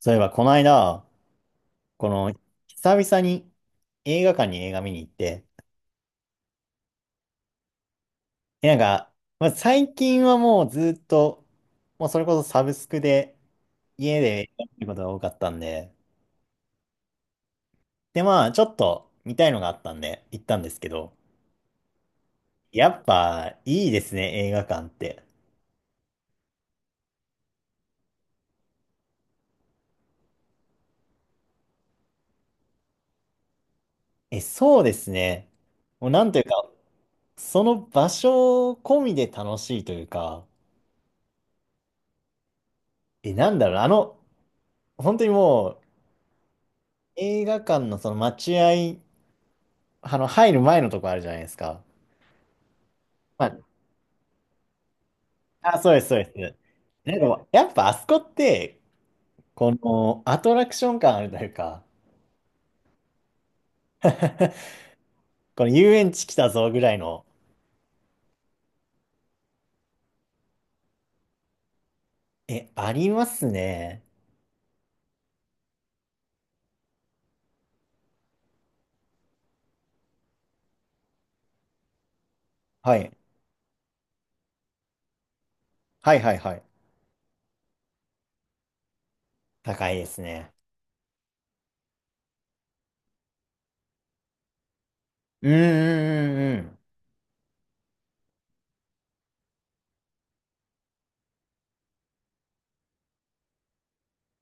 そういえば、この間、この、久々に映画館に映画見に行って、でなんか、まあ、最近はもうずっと、もうそれこそサブスクで、家で映画見ることが多かったんで、で、まあ、ちょっと見たいのがあったんで、行ったんですけど、やっぱ、いいですね、映画館って。そうですね。もう、なんというか、その場所込みで楽しいというか、なんだろうな、本当にもう、映画館のその待合入る前のとこあるじゃないですか。まあ、あ、そうです、そうです。なんか、やっぱあそこって、このアトラクション感あるというか、この遊園地来たぞぐらいの、ありますね。はい。はいはいはい。高いですね。うんうんうんうん。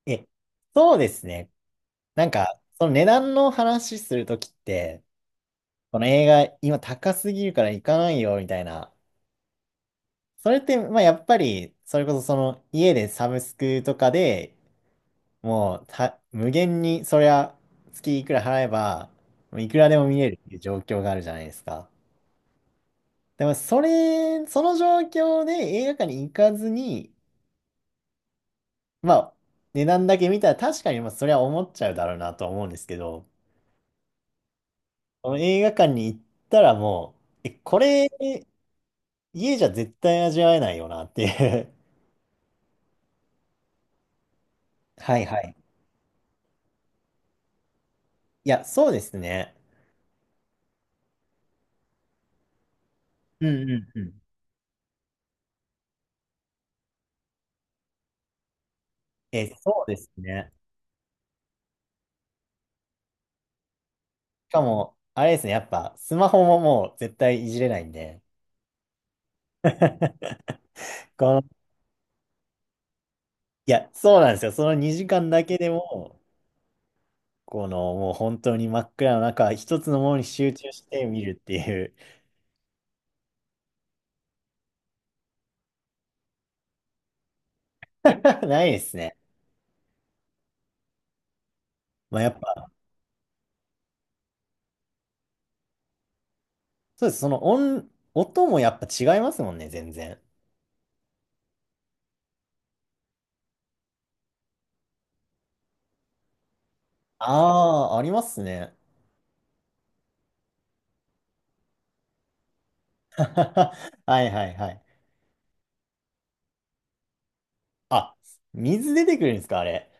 え、そうですね。なんか、その値段の話するときって、この映画今高すぎるから行かないよみたいな。それって、まあやっぱり、それこそその家でサブスクとかでもうた、無限に、そりゃ、月いくら払えば、もういくらでも見れるっていう状況があるじゃないですか。でも、それ、その状況で映画館に行かずに、まあ、値段だけ見たら確かに、まあ、それは思っちゃうだろうなとは思うんですけど、この映画館に行ったらもう、これ、家じゃ絶対味わえないよなっていう はいはい。いや、そうですね。うんうんうん。そうですね。しかも、あれですね、やっぱ、スマホももう絶対いじれないんで、この、いや、そうなんですよ。その2時間だけでも、もう本当に真っ暗の中、一つのものに集中して見るっていう、ないですね。まあ、やっぱ、そうです。音もやっぱ違いますもんね、全然。ああ、ありますね。はいはいはい。あ、水出てくるんですか、あれ。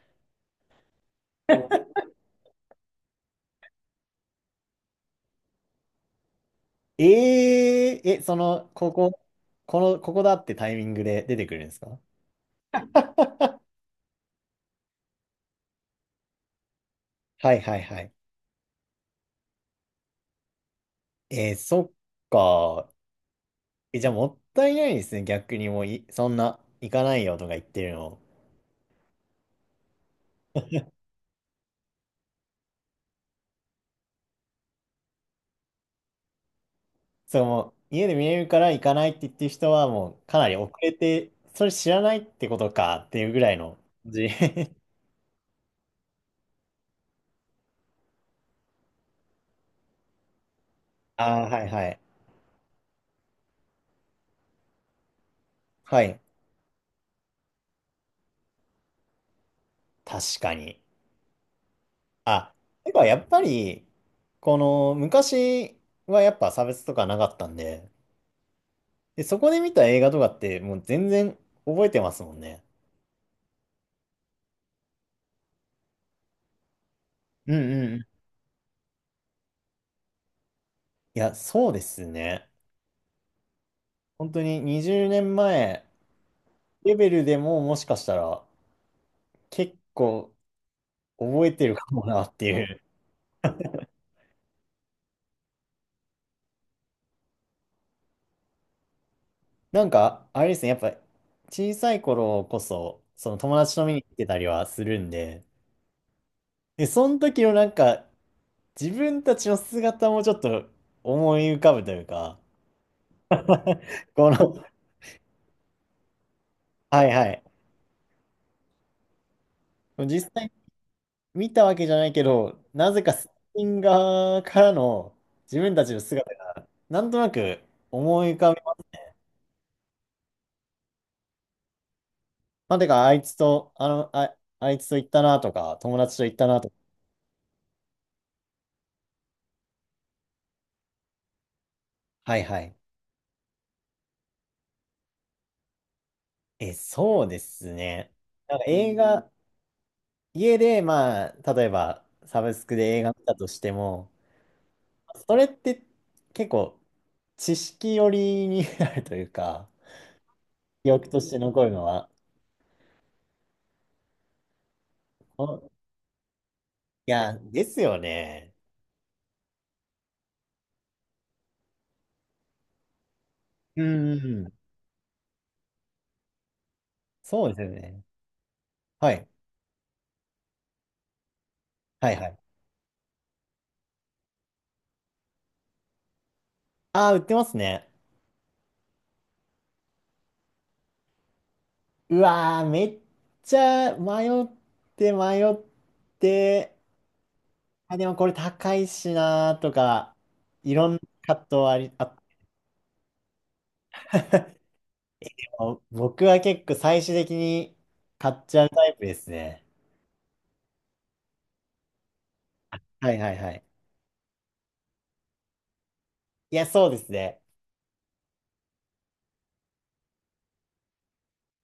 えええ、ここだってタイミングで出てくるんですか？はいはいはい。えー、そっか。じゃあもったいないですね。逆にもうい、そんな、行かないよとか言ってるの。それもう、家で見れるから行かないって言ってる人は、もう、かなり遅れて、それ知らないってことかっていうぐらいの感じ。ああ、はいはい。はい。確かに。あ、てかやっぱり、昔はやっぱ差別とかなかったんで、で、そこで見た映画とかって、もう全然覚えてますもんね。うんうんうん。いや、そうですね。本当に20年前レベルでももしかしたら結構覚えてるかもなっていう。なんか、あれですね、やっぱ小さい頃こそ、その友達と見に行ってたりはするんで、で、その時のなんか自分たちの姿もちょっと思い浮かぶというか、この、はいはい。実際見たわけじゃないけど、なぜかスピン側からの自分たちの姿がなんとなく思い浮かぶ。まあ、てか、あいつと、あの、あ、あいつと行ったなとか、友達と行ったなとか。はいはい。そうですね。なんか映画、家で、まあ、例えば、サブスクで映画見たとしても、それって結構、知識寄りになるというか、記憶として残るのは。おいや、ですよね。うんうんうん。そうですよね。はい。はいはい。ああ、売ってますね。うわー、めっちゃ迷って迷って、あ、でもこれ高いしなーとか、いろんな葛藤あり、あ、僕は結構最終的に買っちゃうタイプですね。はいはいはい。いや、そうですね。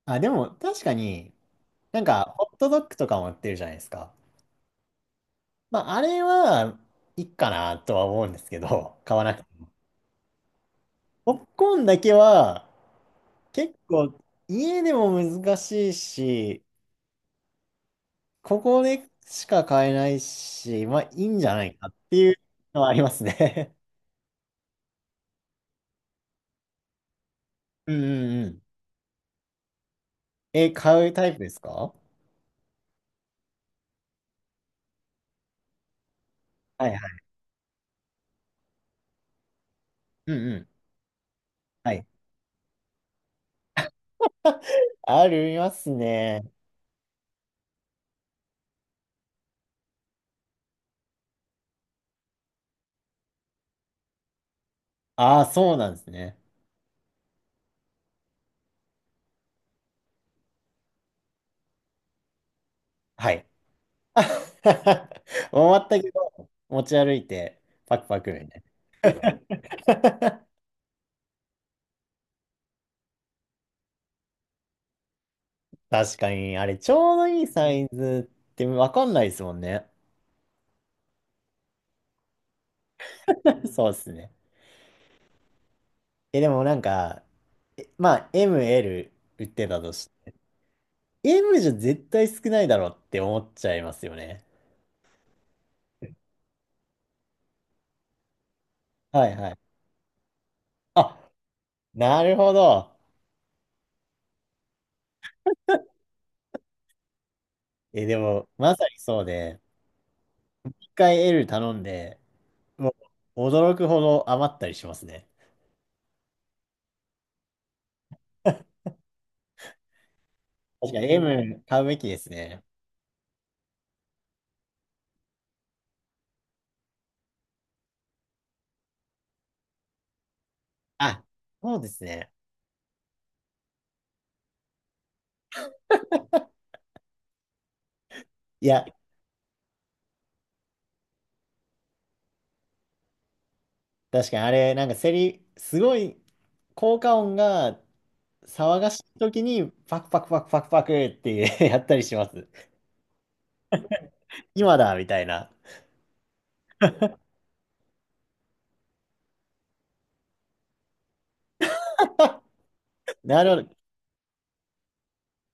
あ、でも確かに、なんかホットドッグとかも売ってるじゃないですか。まあ、あれはいいかなとは思うんですけど、買わなくて。ポップコーンだけは結構家でも難しいし、ここでしか買えないし、まあいいんじゃないかっていうのはありますね。うんうんうん。買うタイプですか？はいはい。うんうん。はい。ありますね。ああ、そうなんですね。はい。終わったけど持ち歩いて、パクパクみたいな。確かに、あれ、ちょうどいいサイズってわかんないですもんね。そうですね。でもなんか、まあ、M、L 売ってたとして、M じゃ絶対少ないだろうって思っちゃいますよね。はいはい。あ、なるほど。でも、まさにそうで、一回 L 頼んで、もう驚くほど余ったりしますね。確かに M 買うべきですね。あ、そうですね。いや、確かにあれ、なんかすごい、効果音が騒がしい時に、パクパクパクパクパクって やったりします。今だみたいな。なるほど。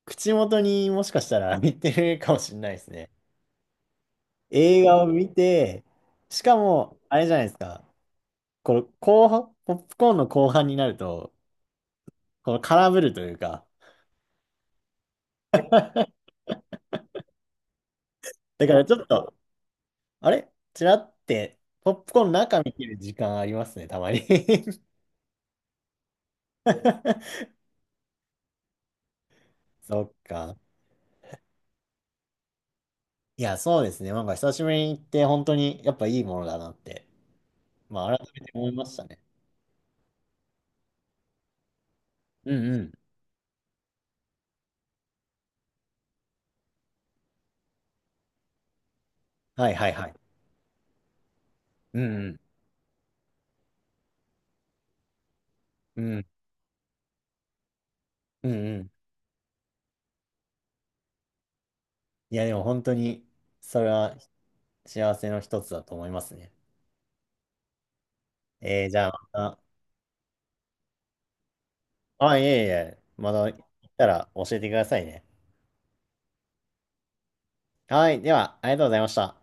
口元にもしかしたら見てるかもしれないですね。映画を見て、しかも、あれじゃないですか。この後半、ポップコーンの後半になると、この空振るというか、だからちょっと、あれちらって、ポップコーンの中見てる時間ありますね、たまに。そっか。いや、そうですね。なんか久しぶりに行って、本当にやっぱいいものだなって、まあ改めて思いましたね。うんうん。はいはいはい。うんうん。うんうんうん。いや、でも本当に、それは幸せの一つだと思いますね。じゃあまた、あ、いえいえ、また行ったら教えてくださいね。はい。では、ありがとうございました。